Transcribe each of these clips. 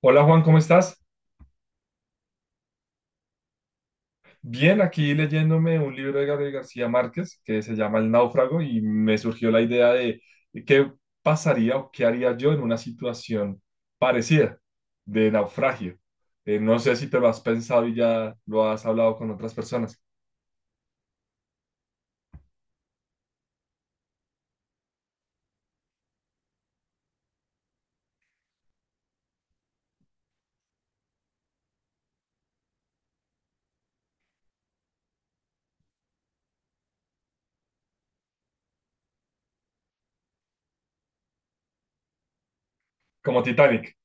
Hola Juan, ¿cómo estás? Bien, aquí leyéndome un libro de Gabriel García Márquez que se llama El náufrago y me surgió la idea de qué pasaría o qué haría yo en una situación parecida de naufragio. No sé si te lo has pensado y ya lo has hablado con otras personas, como Titanic,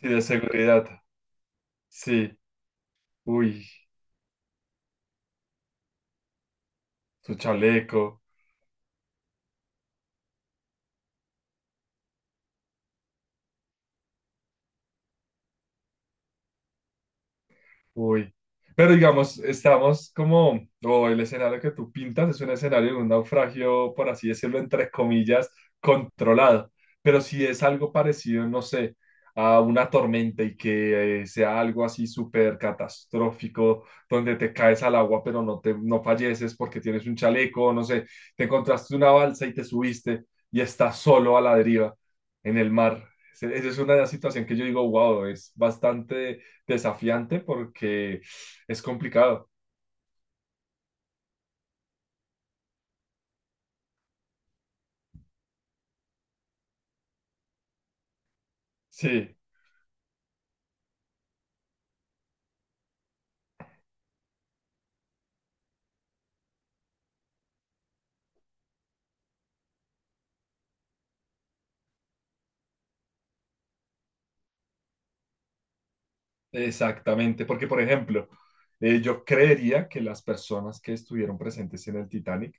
sí, de seguridad, sí, uy, su chaleco, uy. Pero digamos, estamos como, o el escenario que tú pintas es un escenario de un naufragio, por así decirlo, entre comillas, controlado. Pero si es algo parecido, no sé, a una tormenta y que sea algo así súper catastrófico, donde te caes al agua pero no te, no falleces porque tienes un chaleco, no sé, te encontraste una balsa y te subiste y estás solo a la deriva en el mar. Esa es una situación que yo digo, wow, es bastante desafiante porque es complicado. Sí, exactamente, porque por ejemplo, yo creería que las personas que estuvieron presentes en el Titanic,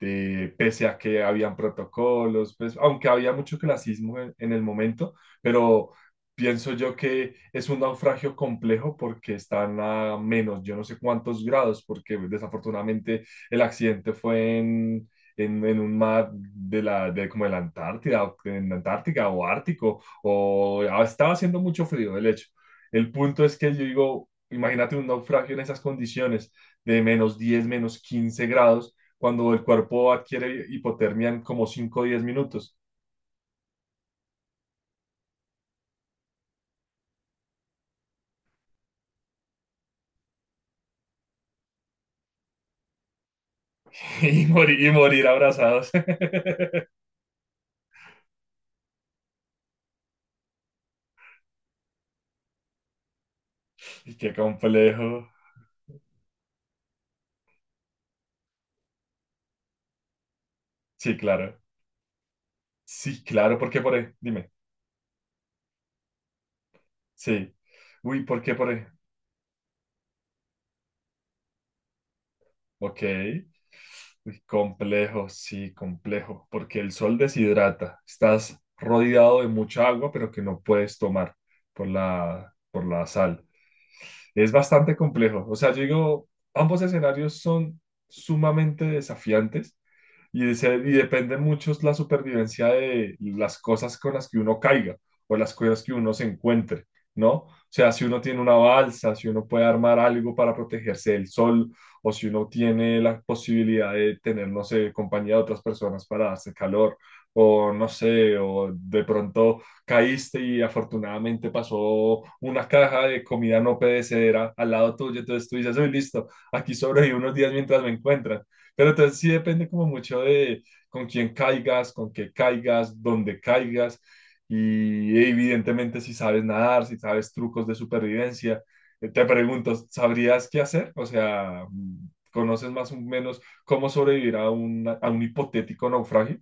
pese a que habían protocolos, pues, aunque había mucho clasismo en el momento, pero pienso yo que es un naufragio complejo porque están a menos, yo no sé cuántos grados, porque desafortunadamente el accidente fue en... en un mar de la, de la Antártida, en Antártica o Ártico, o estaba haciendo mucho frío, de hecho. El punto es que yo digo, imagínate un naufragio en esas condiciones de menos 10, menos 15 grados, cuando el cuerpo adquiere hipotermia en como 5 o 10 minutos. Y morir, y morir abrazados. Y qué complejo. Sí, claro. Sí, claro, porque por ahí, dime. Sí. Uy, ¿por qué por ahí? Ok. Uy, complejo, sí, complejo, porque el sol deshidrata. Estás rodeado de mucha agua, pero que no puedes tomar por la sal. Es bastante complejo. O sea, yo digo, ambos escenarios son sumamente desafiantes y, y depende mucho la supervivencia de las cosas con las que uno caiga o las cosas que uno se encuentre, ¿no? O sea, si uno tiene una balsa, si uno puede armar algo para protegerse del sol, o si uno tiene la posibilidad de tener, no sé, compañía de otras personas para darse calor, o no sé, o de pronto caíste y afortunadamente pasó una caja de comida no perecedera al lado tuyo, entonces tú dices, uy, listo, aquí sobrevivo unos días mientras me encuentran. Pero entonces sí depende como mucho de con quién caigas, con qué caigas, dónde caigas. Y evidentemente si sabes nadar, si sabes trucos de supervivencia, te pregunto, ¿sabrías qué hacer? O sea, ¿conoces más o menos cómo sobrevivir a un hipotético naufragio?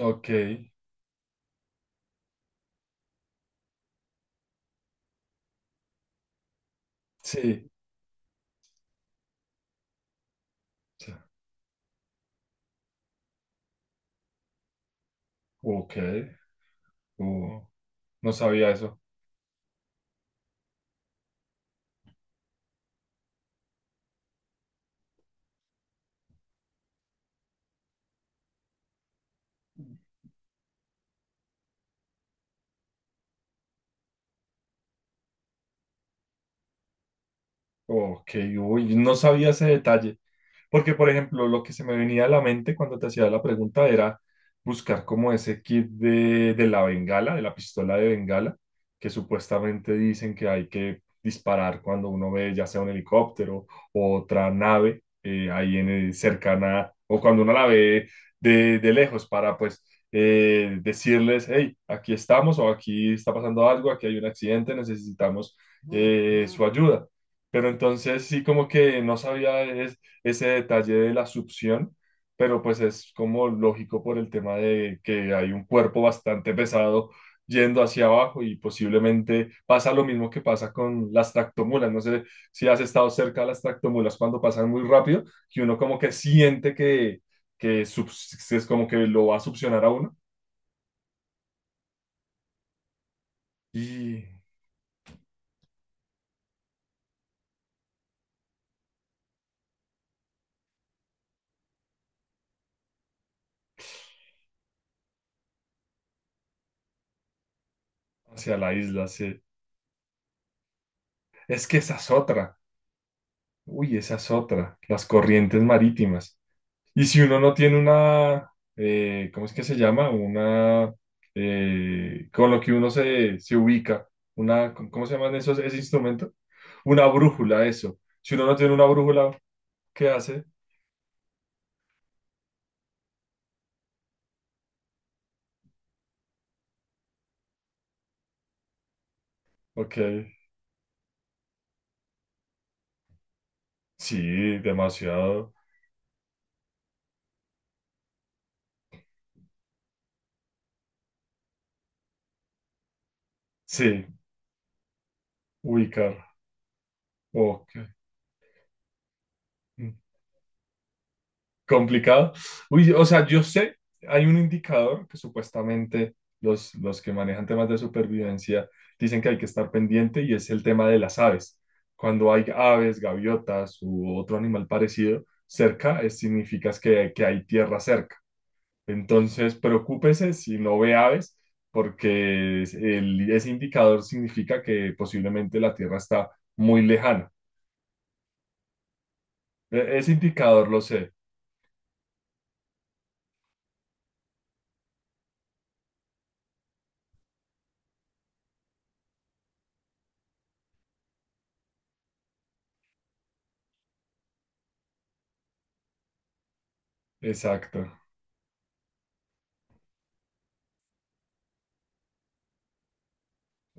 Ok, sí. Ok, oh, no sabía eso. Ok, uy, no sabía ese detalle. Porque, por ejemplo, lo que se me venía a la mente cuando te hacía la pregunta era buscar como ese kit de la bengala, de la pistola de bengala, que supuestamente dicen que hay que disparar cuando uno ve ya sea un helicóptero o otra nave ahí en cercana, o cuando uno la ve de lejos para pues decirles, hey, aquí estamos o aquí está pasando algo, aquí hay un accidente, necesitamos su ayuda. Pero entonces sí como que no sabía ese detalle de la succión, pero pues es como lógico por el tema de que hay un cuerpo bastante pesado yendo hacia abajo y posiblemente pasa lo mismo que pasa con las tractomulas. No sé si has estado cerca de las tractomulas cuando pasan muy rápido, que uno como que siente que, es como que lo va a succionar a uno y hacia la isla, sí. Es que esa es otra. Uy, esa es otra. Las corrientes marítimas. Y si uno no tiene una, ¿cómo es que se llama? Una, con lo que uno se, se ubica, una, ¿cómo se llaman esos, ese instrumento? Una brújula, eso. Si uno no tiene una brújula, ¿qué hace? Ok, sí, demasiado, sí, ubicar, ok. Mm. Complicado. Uy, o sea, yo sé, hay un indicador que supuestamente los que manejan temas de supervivencia dicen que hay que estar pendiente y es el tema de las aves. Cuando hay aves, gaviotas u otro animal parecido cerca, significa es que hay tierra cerca. Entonces, preocúpese si no ve aves, porque ese indicador significa que posiblemente la tierra está muy lejana. Ese indicador lo sé, exacto.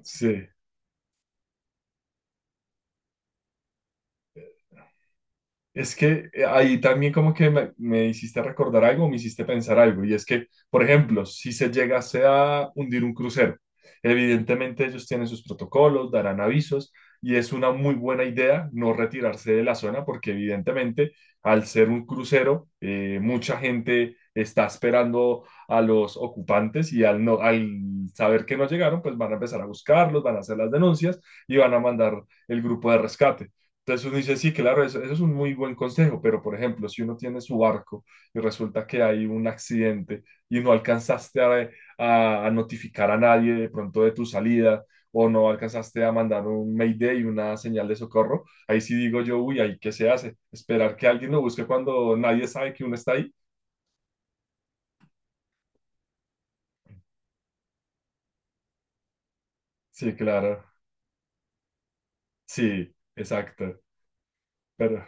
Sí. Es que ahí también como que me hiciste recordar algo, me hiciste pensar algo, y es que, por ejemplo, si se llegase a hundir un crucero, evidentemente ellos tienen sus protocolos, darán avisos, y es una muy buena idea no retirarse de la zona, porque evidentemente al ser un crucero, mucha gente está esperando a los ocupantes y al saber que no llegaron, pues van a empezar a buscarlos, van a hacer las denuncias y van a mandar el grupo de rescate. Entonces uno dice, sí, claro, eso es un muy buen consejo, pero por ejemplo, si uno tiene su barco y resulta que hay un accidente y no alcanzaste a, a notificar a nadie de pronto de tu salida o no alcanzaste a mandar un mayday, una señal de socorro, ahí sí digo yo, uy, ahí qué se hace, esperar que alguien lo busque cuando nadie sabe que uno está ahí. Sí, claro, sí, exacto, pero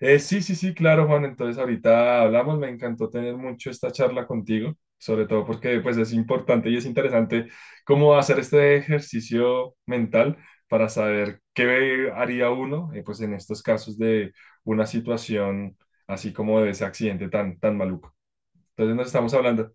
Sí, sí, sí, claro, Juan. Entonces ahorita hablamos. Me encantó tener mucho esta charla contigo, sobre todo porque pues es importante y es interesante cómo hacer este ejercicio mental para saber qué haría uno pues en estos casos de una situación así como de ese accidente tan, tan maluco. Entonces nos estamos hablando.